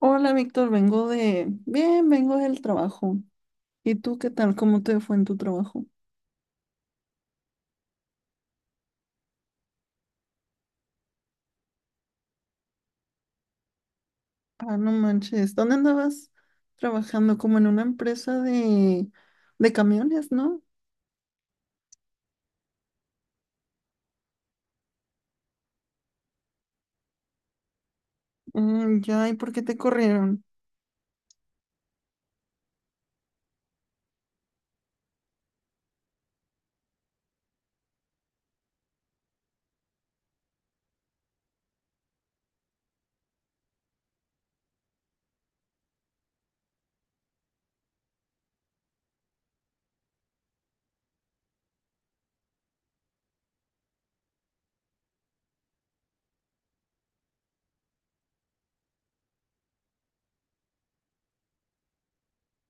Hola, Víctor, vengo de... Bien, vengo del trabajo. ¿Y tú qué tal? ¿Cómo te fue en tu trabajo? Ah, no manches. ¿Dónde andabas trabajando? Como en una empresa de camiones, ¿no? Mm, ya, ¿y por qué te corrieron?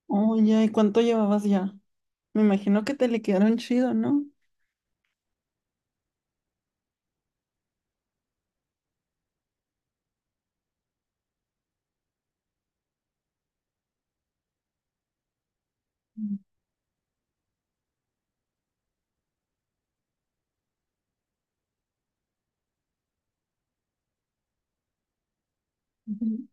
Oh, ya, ¿y cuánto llevabas ya? Me imagino que te liquidaron chido, ¿no? Ujú.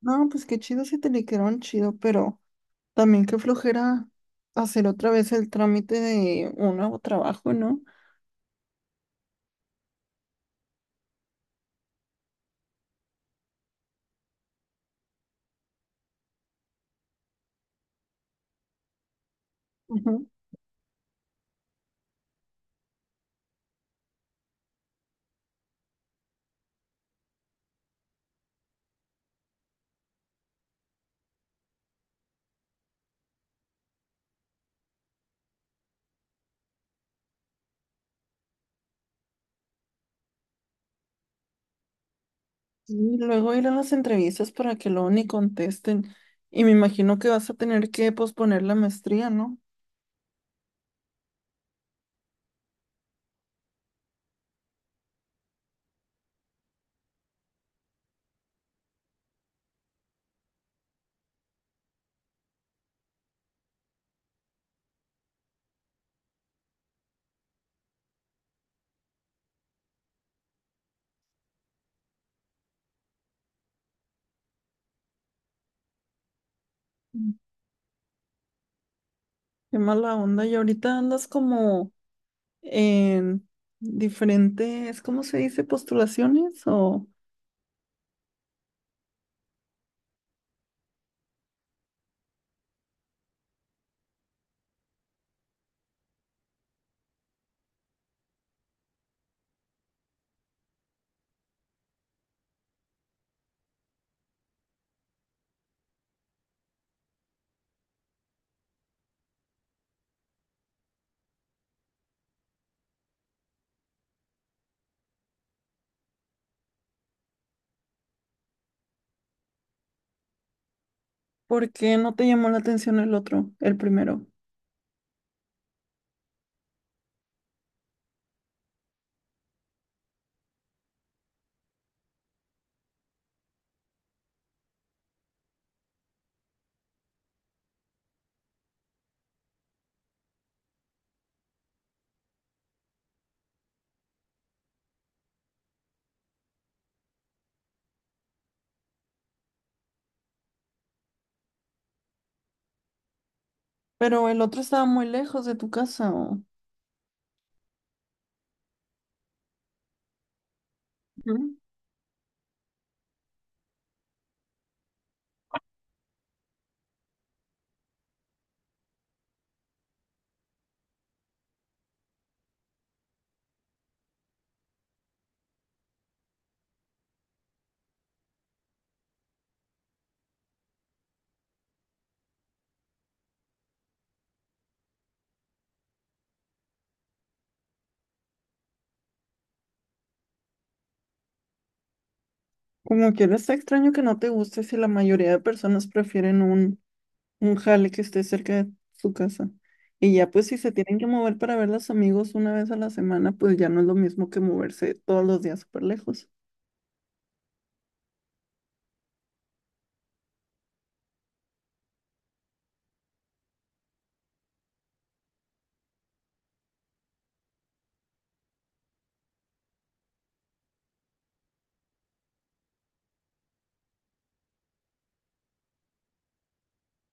No, pues qué chido si te liquidaron chido, pero también qué flojera hacer otra vez el trámite de un nuevo trabajo, ¿no? Y luego ir a las entrevistas para que luego ni contesten. Y me imagino que vas a tener que posponer la maestría, ¿no? Mm. Qué mala onda. Y ahorita andas como en diferentes, ¿cómo se dice? ¿Postulaciones o? ¿Por qué no te llamó la atención el otro, el primero? ¿Pero el otro estaba muy lejos de tu casa o? Ujú. Como quieres, está extraño que no te guste si la mayoría de personas prefieren un jale que esté cerca de su casa. Y ya pues si se tienen que mover para ver a los amigos una vez a la semana, pues ya no es lo mismo que moverse todos los días súper lejos.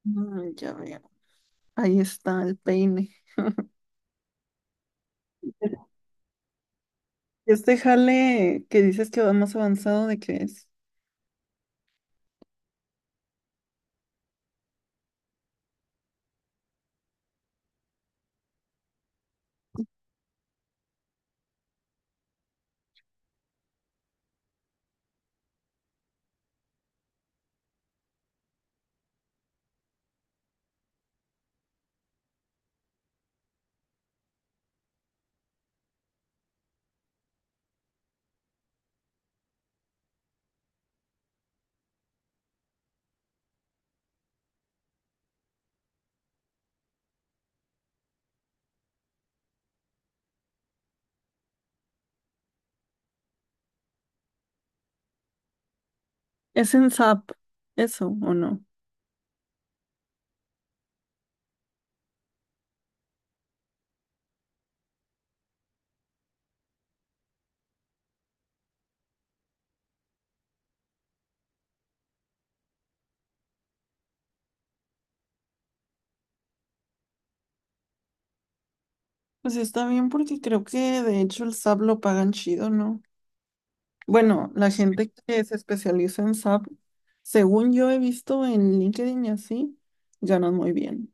Mm, ya veo. Ahí está el peine. Este jale que dices que va más avanzado, ¿de qué es? ¿Es en SAP eso o no? Pues está bien porque creo que de hecho el SAP lo pagan chido, ¿no? Bueno, la gente que se especializa en SAP, según yo he visto en LinkedIn y así, ganan muy bien.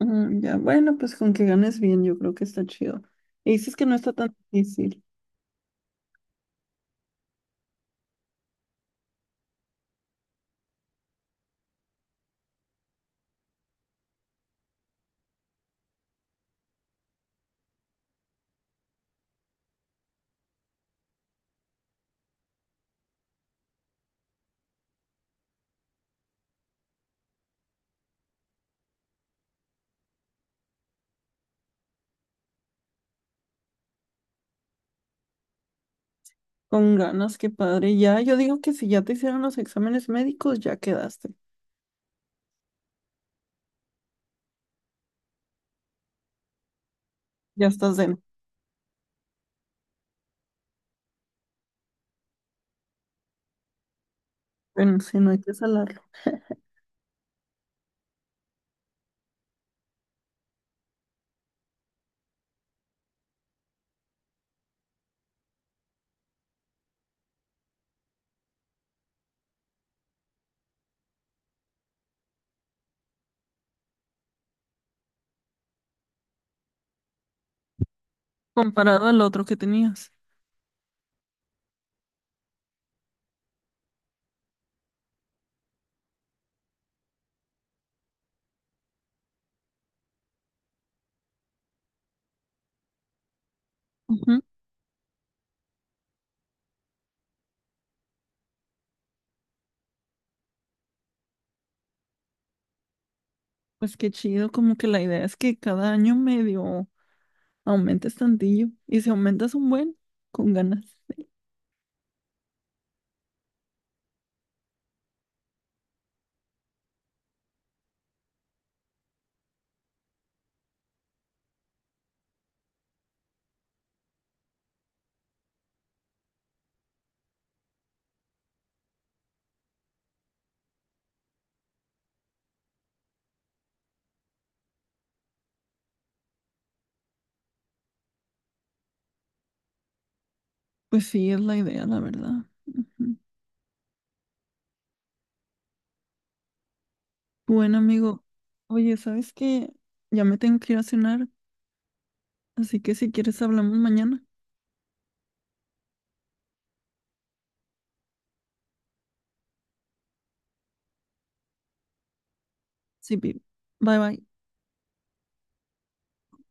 Mm, ya, bueno, pues con que ganes bien, yo creo que está chido. Y dices que no está tan difícil. Con ganas, qué padre. Ya, yo digo que si ya te hicieron los exámenes médicos, ya quedaste. Ya estás dentro. Bueno, si no, hay que salarlo. Comparado al otro que tenías. Ujú. Pues qué chido, como que la idea es que cada año medio aumentes tantillo. Y si aumentas un buen, con ganas. Pues sí, es la idea, la verdad. Ujú. Bueno, amigo. Oye, ¿sabes qué? Ya me tengo que ir a cenar, así que si quieres hablamos mañana. Sí, babe. Bye bye.